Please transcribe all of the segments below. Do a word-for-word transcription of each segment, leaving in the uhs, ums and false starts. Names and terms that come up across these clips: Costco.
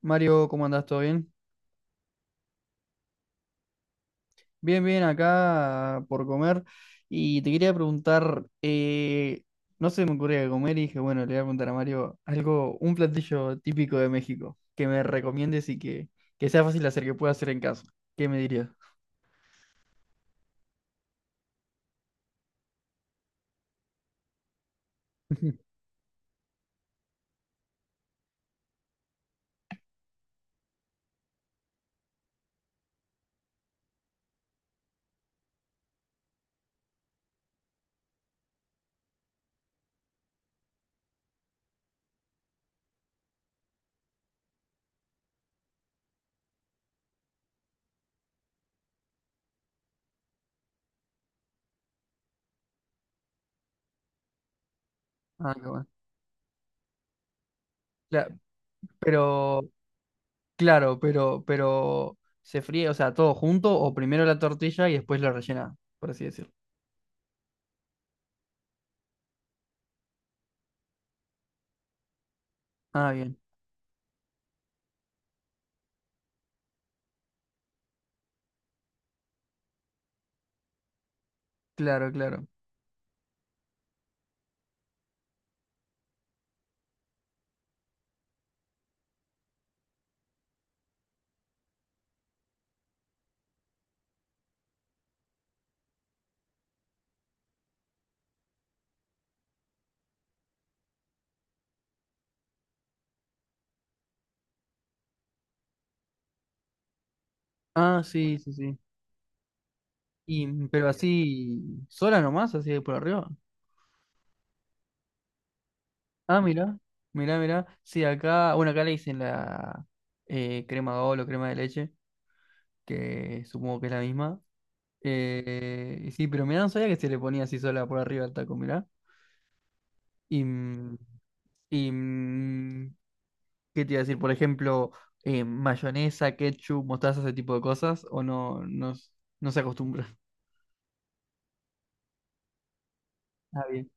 Mario, ¿cómo andás? ¿Todo bien? Bien, bien, acá ah, por comer. Y te quería preguntar, eh, no se me ocurría comer y dije, bueno, le voy a preguntar a Mario algo, un platillo típico de México, que me recomiendes y que, que sea fácil de hacer, que pueda hacer en casa. ¿Qué me dirías? Ah, qué bueno. Cla- pero, claro, pero, pero, ¿se fríe, o sea, todo junto o primero la tortilla y después la rellena, por así decirlo? Ah, bien, claro, claro. Ah, sí, sí, sí. Y, pero así, sola nomás, así de por arriba. Ah, mira, mira, mira. Sí, acá, bueno, acá le dicen la eh, crema de o crema de leche, que supongo que es la misma. Eh, y sí, pero mirá, no sabía que se le ponía así sola por arriba al taco, mirá. Y, mm, y mm, ¿qué te iba a decir? Por ejemplo, eh, mayonesa, ketchup, mostaza, ese tipo de cosas, o no, no, s- no se acostumbra. Ah, bien.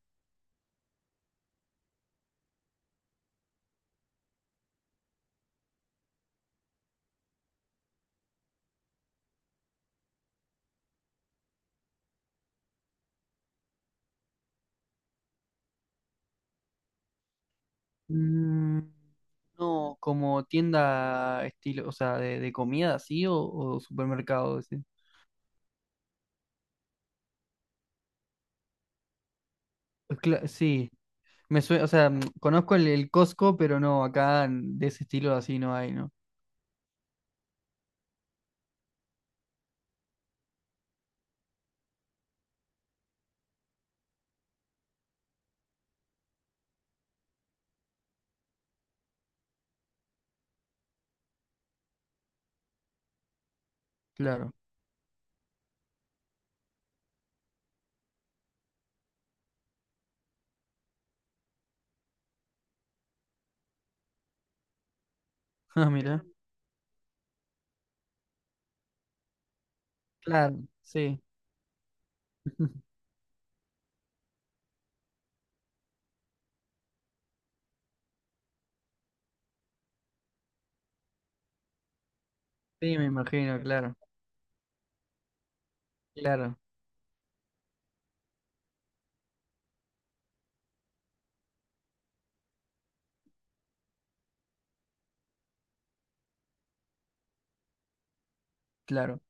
Mm, No, como tienda estilo, o sea, de, de comida así o, o supermercado. Ese. Pues cla- Sí, me suena, o sea, mm, conozco el, el Costco, pero no, acá mm, de ese estilo así no hay, ¿no? Claro. Ah, mira. Claro, sí. Sí, me imagino, claro, claro, claro,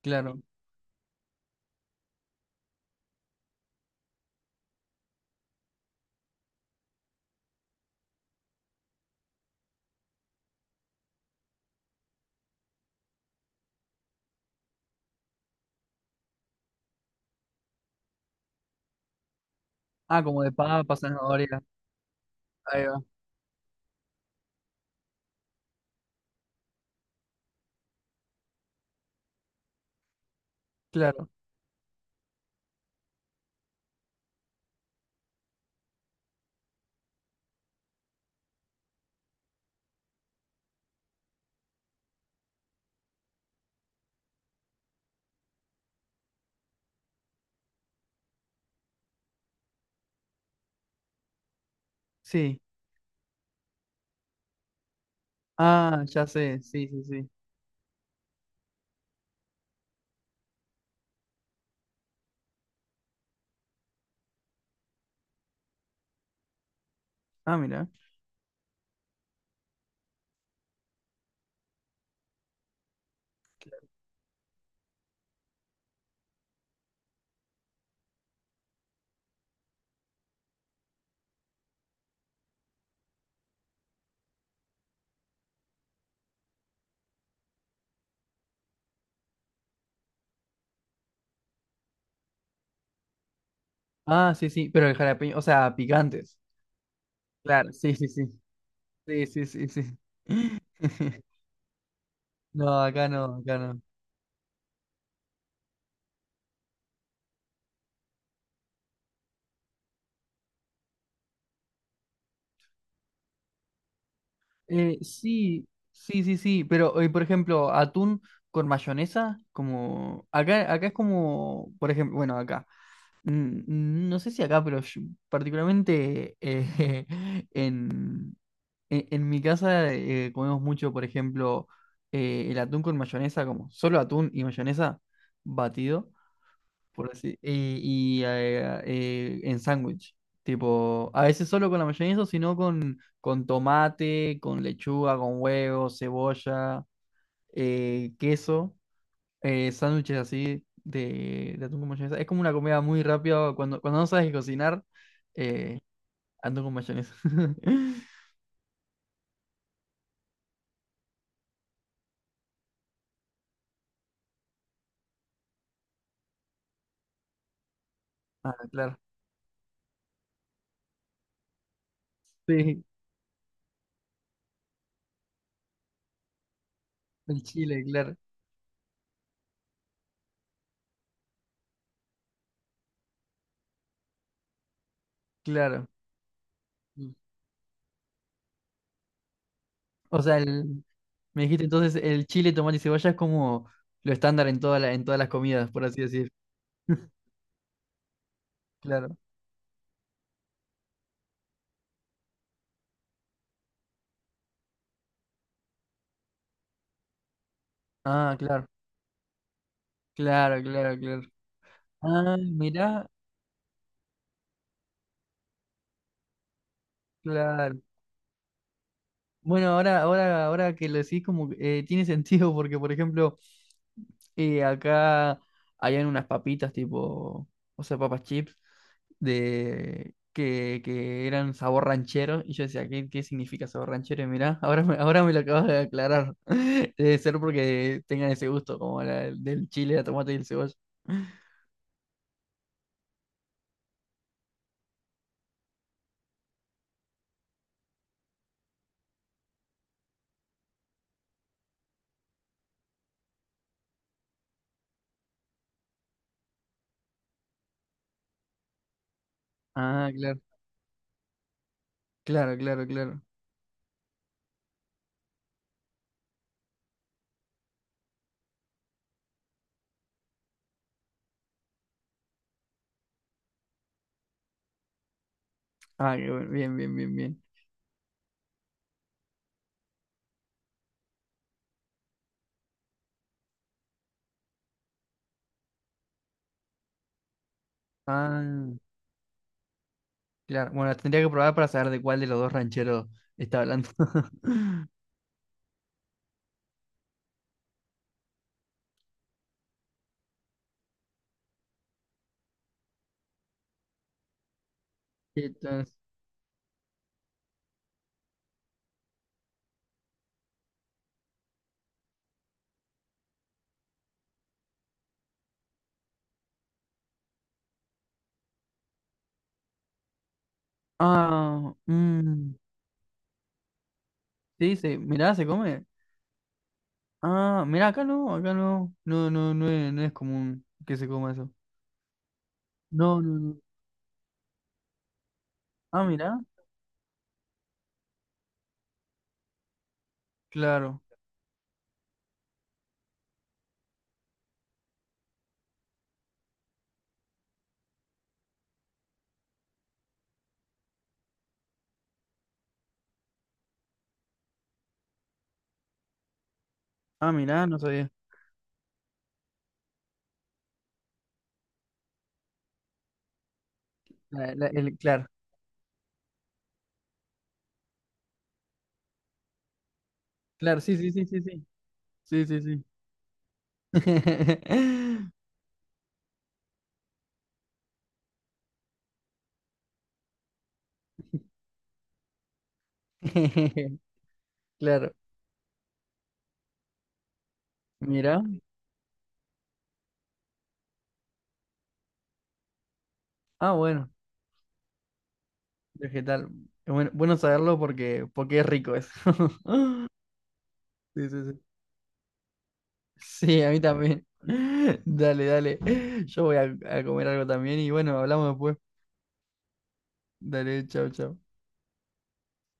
claro. Ah, como de papa, zanahoria. Ahí va, claro. Sí. Ah, ya sé, sí, sí, sí. Ah, mira. Ah, sí, sí, pero el jalapeño, o sea, picantes. Claro, sí, sí, sí. Sí, sí, sí, sí. No, acá no, acá no. Eh, sí, sí, sí, sí, pero eh, por ejemplo, atún con mayonesa, como acá, acá es como, por ejemplo, bueno, acá, mm, mm, no sé si acá, pero yo- particularmente eh, en, en, en mi casa eh, comemos mucho, por ejemplo, eh, el atún con mayonesa, como solo atún y mayonesa batido. Por así, y, y, eh, eh, en sándwich. Tipo, a veces solo con la mayonesa, sino con, con tomate, con lechuga, con huevo, cebolla, eh, queso, eh, sándwiches así de, de atún con mayonesa. Es como una comida muy rápida cuando, cuando no sabes cocinar, eh, atún con mayonesa. Ah, claro. Sí, el chile, claro, claro. Mm. O sea, el- me dijiste entonces el chile, tomate y cebolla es como lo estándar en toda la- en todas las comidas, por así decir. Claro. Ah, claro. Claro, claro, claro. Ah, mirá, claro. Bueno, ahora, ahora, ahora que lo decís como que, eh, tiene sentido porque, por ejemplo, eh, acá habían unas papitas tipo, o sea, papas chips de que, que eran sabor ranchero y yo decía, ¿qué, qué significa sabor ranchero? Y mirá, ahora me, ahora me lo acabas de aclarar. Debe ser porque tengan ese gusto como la, del chile, la tomate y el cebolla. Ah, claro, claro, claro, claro. Ah, qué bu- bien, bien, bien, bien. Ah, claro. Bueno, tendría que probar para saber de cuál de los dos rancheros está hablando. Entonces, ah, mm, sí, se, mirá, se come. Ah, mirá, acá no, acá no. No, no no es, no es común que se coma eso. No, no, no. Ah, mirá, claro. Ah, mirá, no sabía. La- la- el- claro, claro, sí, sí, sí, sí, sí. Sí, sí, sí. Claro, mirá. Ah, bueno. Vegetal. Bueno, bueno saberlo porque, porque es rico eso. Sí, sí, sí. Sí, a mí también. Dale, dale. Yo voy a, a comer algo también y bueno, hablamos después. Dale, chao, chao.